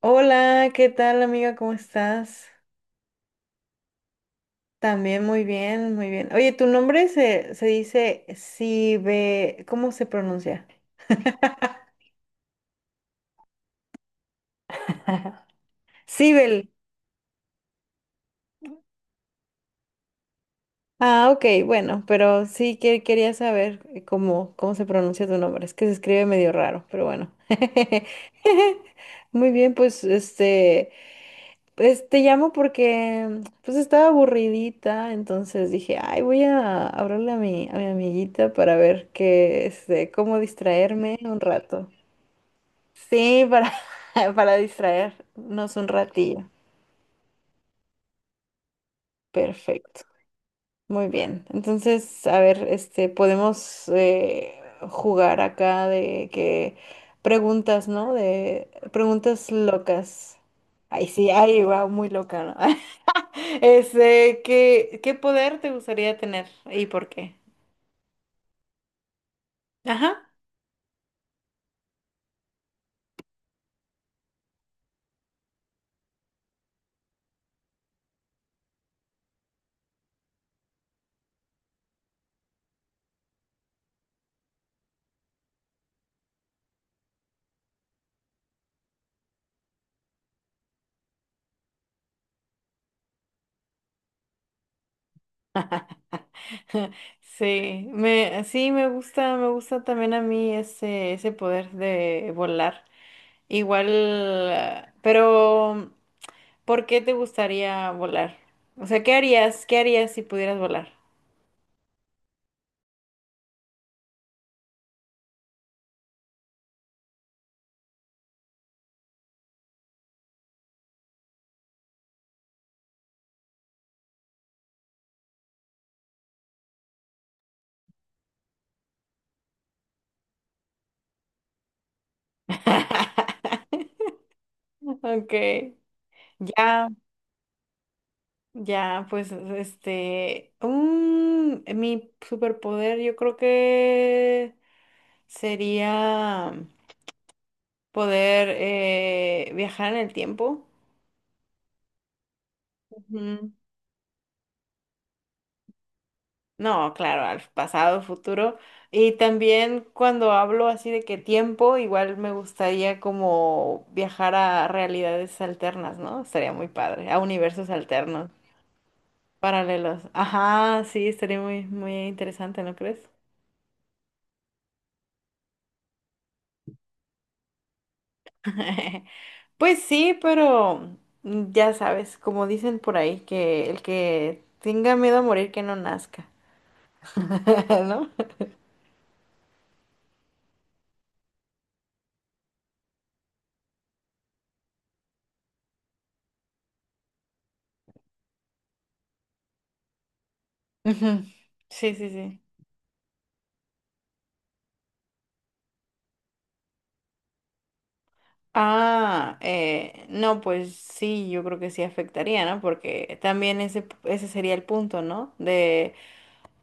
Hola, ¿qué tal amiga? ¿Cómo estás? También muy bien, muy bien. Oye, tu nombre se dice Sibe, ¿cómo se pronuncia? Sibel. Ah, ok, bueno, pero sí que quería saber cómo, cómo se pronuncia tu nombre. Es que se escribe medio raro, pero bueno. Muy bien, pues te llamo porque pues estaba aburridita, entonces dije, ay, voy a hablarle a mi amiguita para ver qué, este, cómo distraerme un rato. Sí, para, para distraernos un ratillo. Perfecto. Muy bien. Entonces, a ver, este, podemos jugar acá de que preguntas, ¿no? De preguntas locas. Ay, sí, ay, va, muy loca, ¿no? Este, ¿qué poder te gustaría tener y por qué? Ajá. Me gusta también a mí ese poder de volar. Igual, ah, pero ¿por qué te gustaría volar? O sea, ¿qué harías? ¿Qué harías si pudieras volar? Okay, ya, ya, pues, este, mi superpoder yo creo que sería poder viajar en el tiempo. Ujú. No, claro, al pasado, futuro. Y también cuando hablo así de que tiempo, igual me gustaría como viajar a realidades alternas, ¿no? Estaría muy padre, a universos alternos, paralelos. Ajá, sí, estaría muy interesante, ¿no crees? Pues sí, pero ya sabes, como dicen por ahí, que el que tenga miedo a morir, que no nazca, ¿no? Ujú. Sí, sí, sí. Ah, no, pues sí, yo creo que sí afectaría, ¿no? Porque también ese sería el punto, ¿no? De,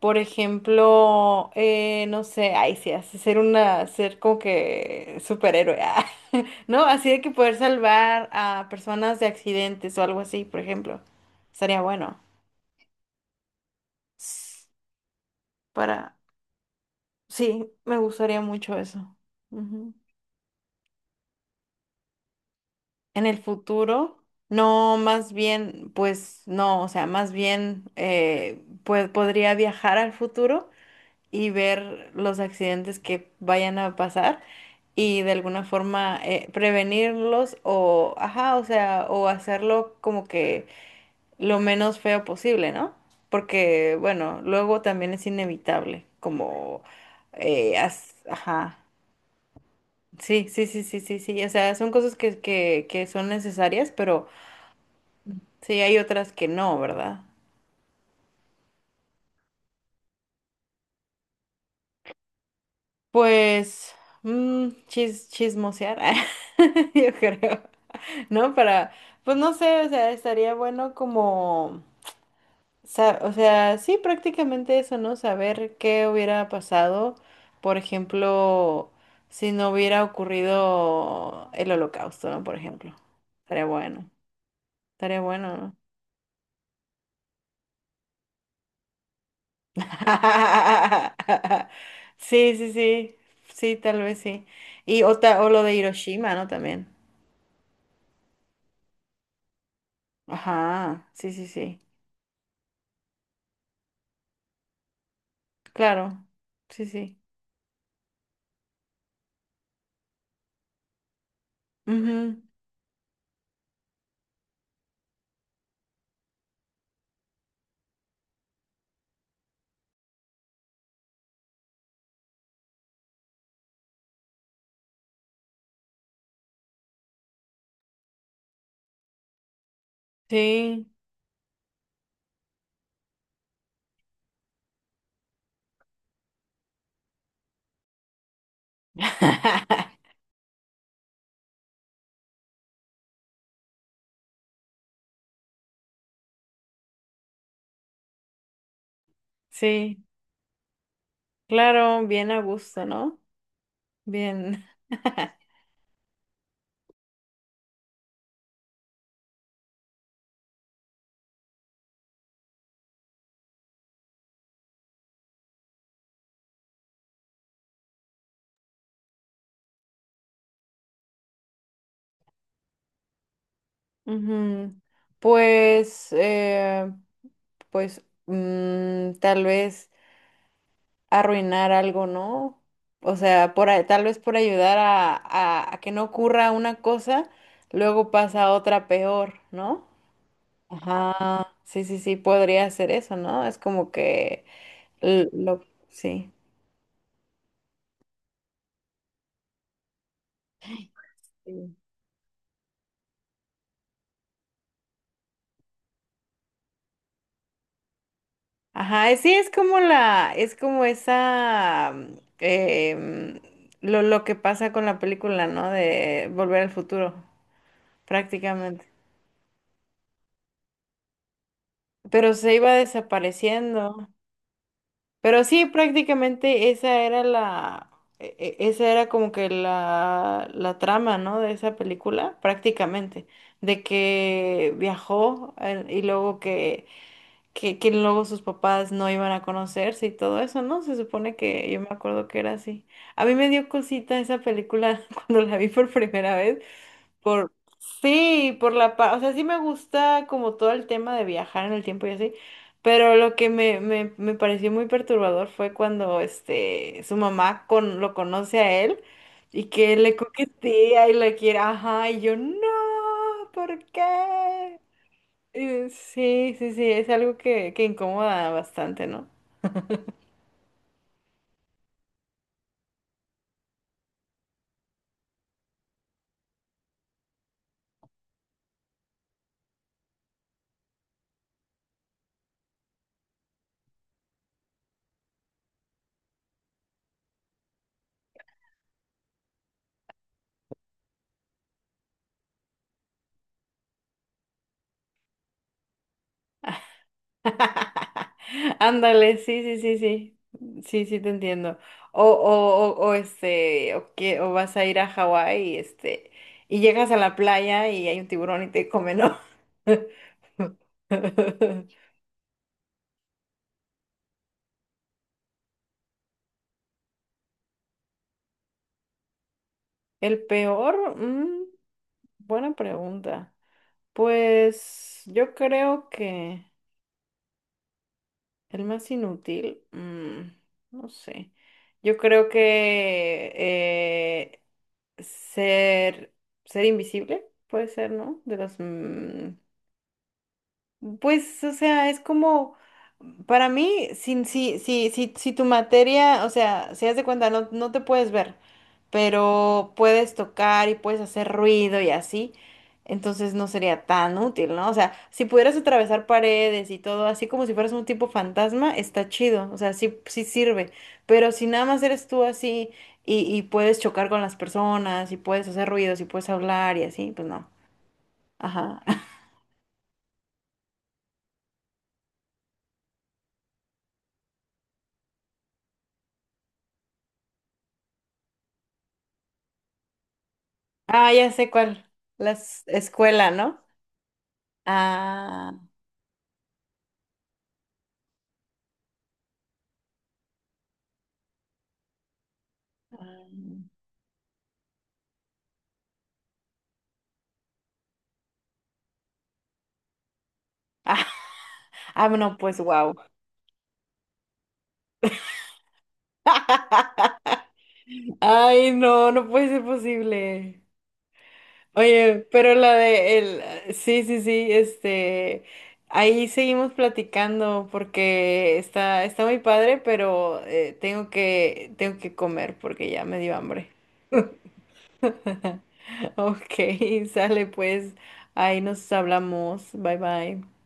por ejemplo, no sé, ay, sí, hace ser una, ser como que superhéroe, ah, ¿no? Así de que poder salvar a personas de accidentes o algo así, por ejemplo, estaría bueno. S- Para, sí, me gustaría mucho eso. En el futuro, no, más bien, pues no, o sea, más bien, pues podría viajar al futuro y ver los accidentes que vayan a pasar y de alguna forma prevenirlos o, ajá, o sea, o hacerlo como que lo menos feo posible, ¿no? Porque, bueno, luego también es inevitable, como, ajá, sí, sí, sí, sí, sí, sí, o sea, son cosas que son necesarias, pero... Sí, hay otras que no, ¿verdad? Pues, chismosear, yo creo, ¿no? Para, pues no sé, o sea, estaría bueno como, o sea, sí, prácticamente eso, ¿no? Saber qué hubiera pasado, por ejemplo, si no hubiera ocurrido el holocausto, ¿no? Por ejemplo, estaría bueno, estaría bueno, ¿no? Sí, sí, sí, sí, tal vez sí. Y otra, o lo de Hiroshima, ¿no? También. Ajá, sí, sí, sí. Claro, sí, sí. Ujú. Sí. Sí, claro, bien a gusto, ¿no? Bien. Ujú. Pues, pues, mm, tal vez arruinar algo, ¿no? O sea, tal vez por ayudar a, a que no ocurra una cosa, luego pasa otra peor, ¿no? Ajá, sí, sí, sí, podría ser eso, ¿no? Es como que l- lo, sí. Sí. Ajá, sí, es como la, es como esa, lo que pasa con la película, ¿no? De Volver al Futuro, prácticamente. Pero se iba desapareciendo. Pero sí, prácticamente esa era la, esa era como que la trama, ¿no? De esa película, prácticamente, de que viajó y luego que luego sus papás no iban a conocerse y todo eso, ¿no? Se supone que yo me acuerdo que era así. A mí me dio cosita esa película cuando la vi por primera vez. Por, sí, por la paz, o sea, sí me gusta como todo el tema de viajar en el tiempo y así, pero lo que me pareció muy perturbador fue cuando este su mamá con, lo conoce a él y que le coquetea y le quiere, ajá, y yo, no, ¿por qué? Sí, sí, sí, es algo que incomoda bastante, ¿no? Ándale, sí, sí, sí, sí. Sí, sí, te entiendo. O que, o vas a ir a Hawái y este, y llegas a la playa y hay un tiburón y te come, ¿no? El peor, buena pregunta. Pues yo creo que el más inútil, no sé. Yo creo que ser, ser invisible, puede ser, ¿no? De los pues, o sea, es como, para mí, si tu materia, o sea, si haz de cuenta, no, no te puedes ver, pero puedes tocar y puedes hacer ruido y así, entonces no sería tan útil, ¿no? O sea, si pudieras atravesar paredes y todo, así como si fueras un tipo fantasma, está chido, o sea, sí, sí sirve, pero si nada más eres tú así y puedes chocar con las personas y puedes hacer ruidos y puedes hablar y así, pues no. Ajá. Ah, ya sé cuál. La escuela, ¿no? Ah, ah, ah, no, pues wow. Ay, no, no puede ser posible. Oye, pero la de el, sí, sí, sí, este, ahí seguimos platicando porque está, está muy padre, pero tengo tengo que comer porque ya me dio hambre. Ok, sale pues, ahí nos hablamos. Bye bye.